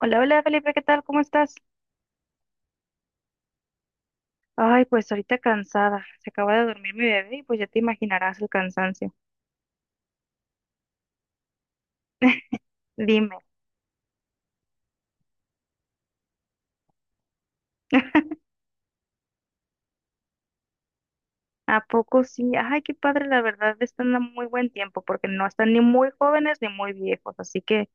Hola, hola Felipe, ¿qué tal? ¿Cómo estás? Ay, pues ahorita cansada. Se acaba de dormir mi bebé y pues ya te imaginarás el cansancio. Dime. ¿A poco sí? Ay, qué padre, la verdad están a muy buen tiempo porque no están ni muy jóvenes ni muy viejos. Así que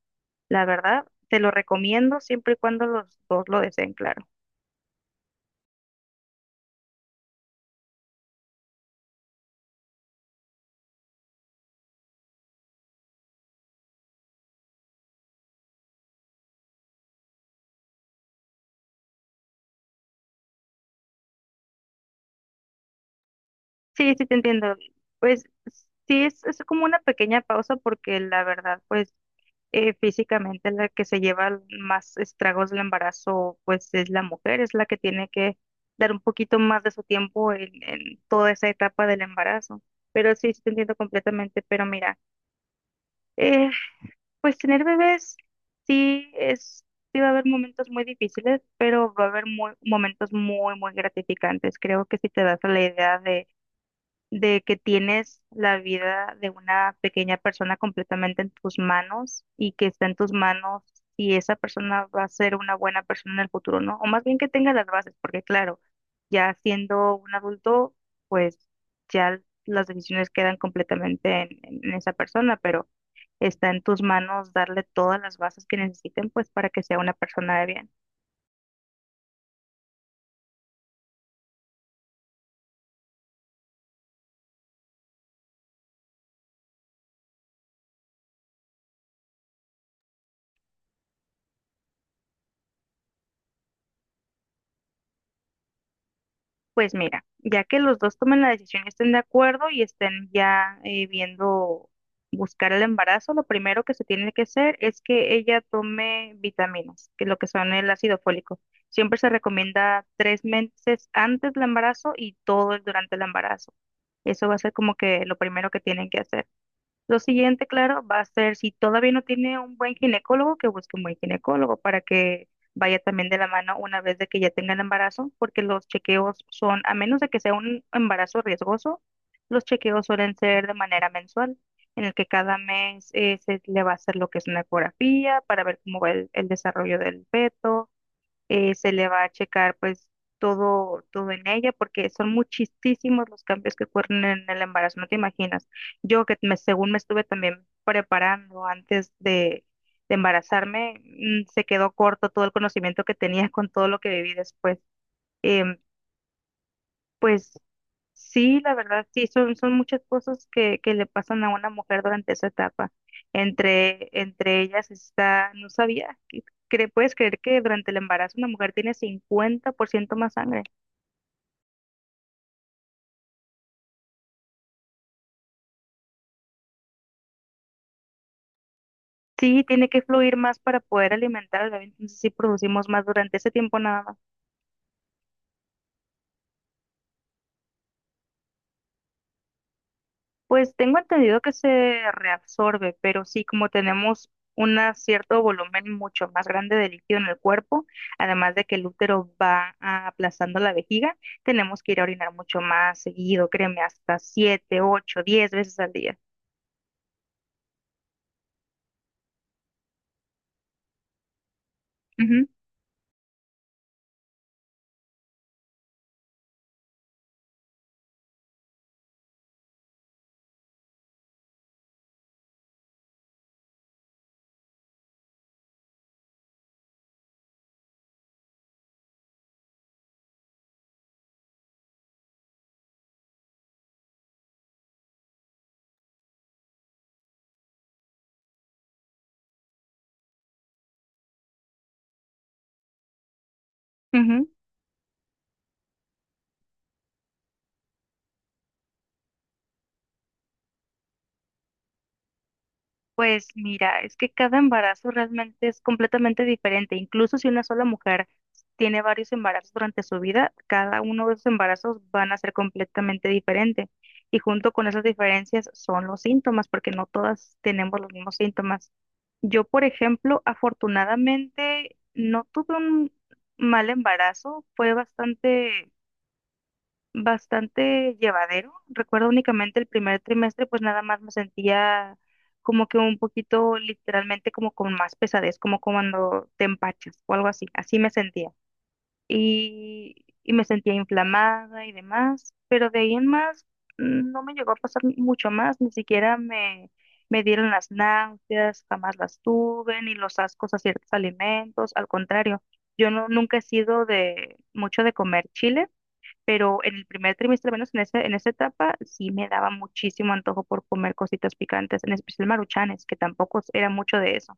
la verdad te lo recomiendo siempre y cuando los dos lo deseen, claro. Sí, sí, te entiendo. Pues sí, es como una pequeña pausa porque la verdad, pues físicamente la que se lleva más estragos del embarazo, pues es la mujer, es la que tiene que dar un poquito más de su tiempo en toda esa etapa del embarazo. Pero sí, sí te entiendo completamente, pero mira, eh, pues tener bebés sí es, sí va a haber momentos muy difíciles, pero va a haber muy, momentos muy, muy gratificantes. Creo que si te das a la idea de que tienes la vida de una pequeña persona completamente en tus manos y que está en tus manos si esa persona va a ser una buena persona en el futuro, ¿no? O más bien que tenga las bases, porque claro, ya siendo un adulto, pues ya las decisiones quedan completamente en esa persona, pero está en tus manos darle todas las bases que necesiten, pues para que sea una persona de bien. Pues mira, ya que los dos tomen la decisión y estén de acuerdo y estén ya viendo buscar el embarazo, lo primero que se tiene que hacer es que ella tome vitaminas, que es lo que son el ácido fólico. Siempre se recomienda 3 meses antes del embarazo y todo el durante el embarazo. Eso va a ser como que lo primero que tienen que hacer. Lo siguiente, claro, va a ser si todavía no tiene un buen ginecólogo, que busque un buen ginecólogo para que vaya también de la mano una vez de que ya tenga el embarazo, porque los chequeos son, a menos de que sea un embarazo riesgoso, los chequeos suelen ser de manera mensual, en el que cada mes se le va a hacer lo que es una ecografía para ver cómo va el desarrollo del feto, se le va a checar pues todo en ella, porque son muchísimos los cambios que ocurren en el embarazo, no te imaginas. Yo que me, según me estuve también preparando antes de embarazarme, se quedó corto todo el conocimiento que tenía con todo lo que viví después. em, pues sí, la verdad, sí, son, son muchas cosas que le pasan a una mujer durante esa etapa. Entre ellas está, no sabía, ¿puedes creer que durante el embarazo una mujer tiene 50% más sangre? Sí, tiene que fluir más para poder alimentar al bebé, entonces sí producimos más durante ese tiempo nada más. Pues tengo entendido que se reabsorbe, pero sí, como tenemos un cierto volumen mucho más grande de líquido en el cuerpo, además de que el útero va aplastando la vejiga, tenemos que ir a orinar mucho más seguido, créeme, hasta siete, ocho, 10 veces al día. Ujú, ujú. Pues mira, es que cada embarazo realmente es completamente diferente. Incluso si una sola mujer tiene varios embarazos durante su vida, cada uno de esos embarazos van a ser completamente diferente. Y junto con esas diferencias son los síntomas, porque no todas tenemos los mismos síntomas. Yo, por ejemplo, afortunadamente no tuve un mal embarazo, fue bastante llevadero. Recuerdo únicamente el primer trimestre, pues nada más me sentía como que un poquito literalmente como con más pesadez, como cuando te empachas o algo así, así me sentía. Y me sentía inflamada y demás, pero de ahí en más no me llegó a pasar mucho más, ni siquiera me dieron las náuseas, jamás las tuve, ni los ascos a ciertos alimentos, al contrario, yo no, nunca he sido de mucho de comer chile, pero en el primer trimestre, al menos en ese, en esa etapa, sí me daba muchísimo antojo por comer cositas picantes, en especial maruchanes, que tampoco es- era mucho de eso,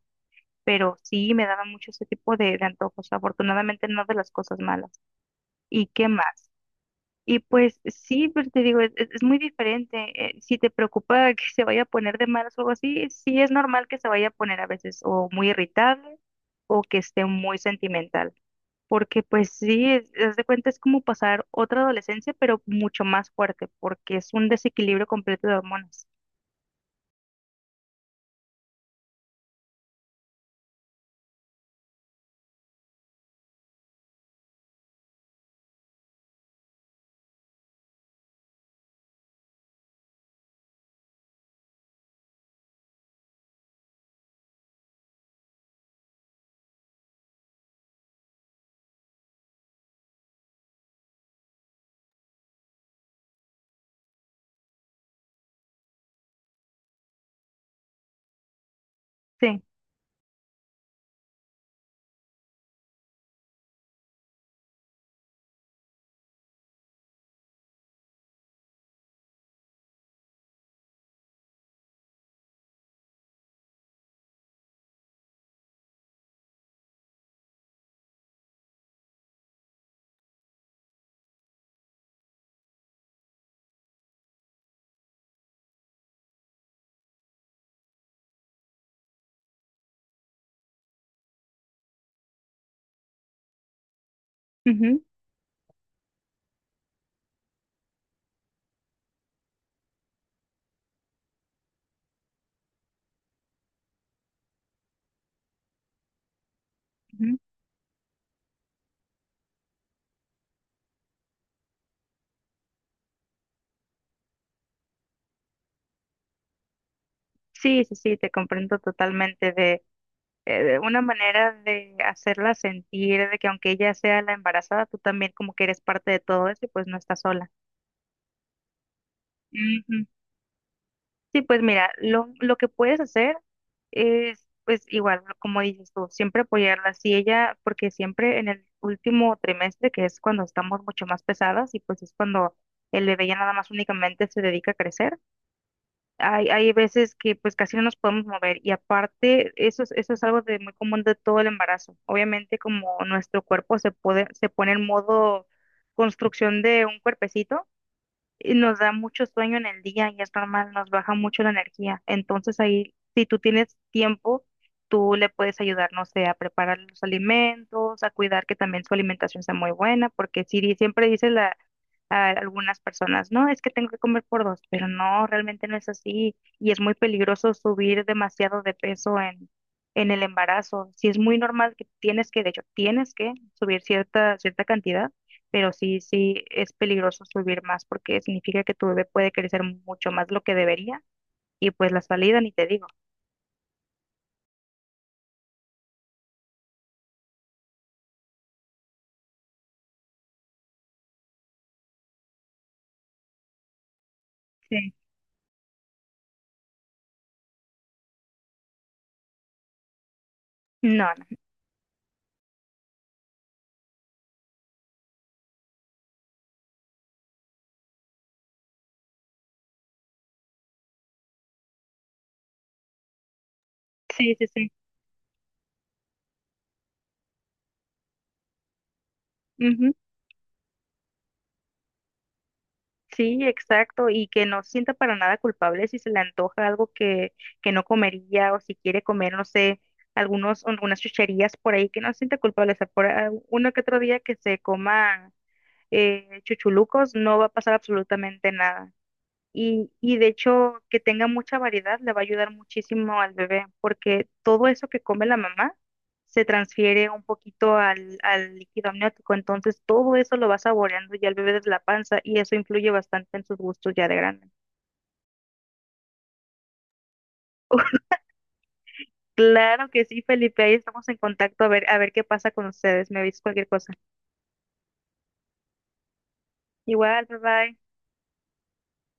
pero sí me daba mucho ese tipo de antojos, afortunadamente no de las cosas malas. ¿Y qué más? Y pues sí, pero te digo, es muy diferente. Eh, si te preocupa que se vaya a poner de malas o algo así, sí es normal que se vaya a poner a veces o muy irritable o que esté muy sentimental. Porque pues sí, es, haz de cuenta es como pasar otra adolescencia, pero mucho más fuerte, porque es un desequilibrio completo de hormonas. Sí. Ujú, ujú. Sí, sí, sí, te comprendo totalmente. De una manera de hacerla sentir de que aunque ella sea la embarazada, tú también como que eres parte de todo eso y pues no estás sola. Ujú. Sí, pues mira, lo que puedes hacer es, pues igual, como dices tú, siempre apoyarla. Si ella, porque siempre en el último trimestre, que es cuando estamos mucho más pesadas y pues es cuando el bebé ya nada más únicamente se dedica a crecer, hay veces que pues casi no nos podemos mover y aparte eso, eso es algo de muy común de todo el embarazo. Obviamente como nuestro cuerpo se pone en modo construcción de un cuerpecito, y nos da mucho sueño en el día y es normal, nos baja mucho la energía. Entonces ahí, si tú tienes tiempo, tú le puedes ayudar, no sé, a preparar los alimentos, a cuidar que también su alimentación sea muy buena, porque si di- siempre dice la, a algunas personas, no, es que tengo que comer por dos, pero no, realmente no es así y es muy peligroso subir demasiado de peso en el embarazo. Si es muy normal que tienes que, de hecho, tienes que subir cierta, cierta cantidad, pero sí, sí es peligroso subir más porque significa que tu bebé puede crecer mucho más de lo que debería y pues la salida ni te digo. Sí. No, no. Sí, sí, sí. Ujú. Sí, exacto. Y que no se sienta para nada culpable si se le antoja algo que no comería o si quiere comer, no sé, algunas chucherías por ahí, que no se sienta culpable. O sea, por uno que otro día que se coma chuchulucos, no va a pasar absolutamente nada. Y de hecho, que tenga mucha variedad le va a ayudar muchísimo al bebé, porque todo eso que come la mamá se transfiere un poquito al líquido amniótico. Entonces, todo eso lo va saboreando ya el bebé desde la panza y eso influye bastante en sus gustos ya de grande. Claro que sí, Felipe, ahí estamos en contacto a ver qué pasa con ustedes. Me avisas cualquier cosa. Igual, bye bye.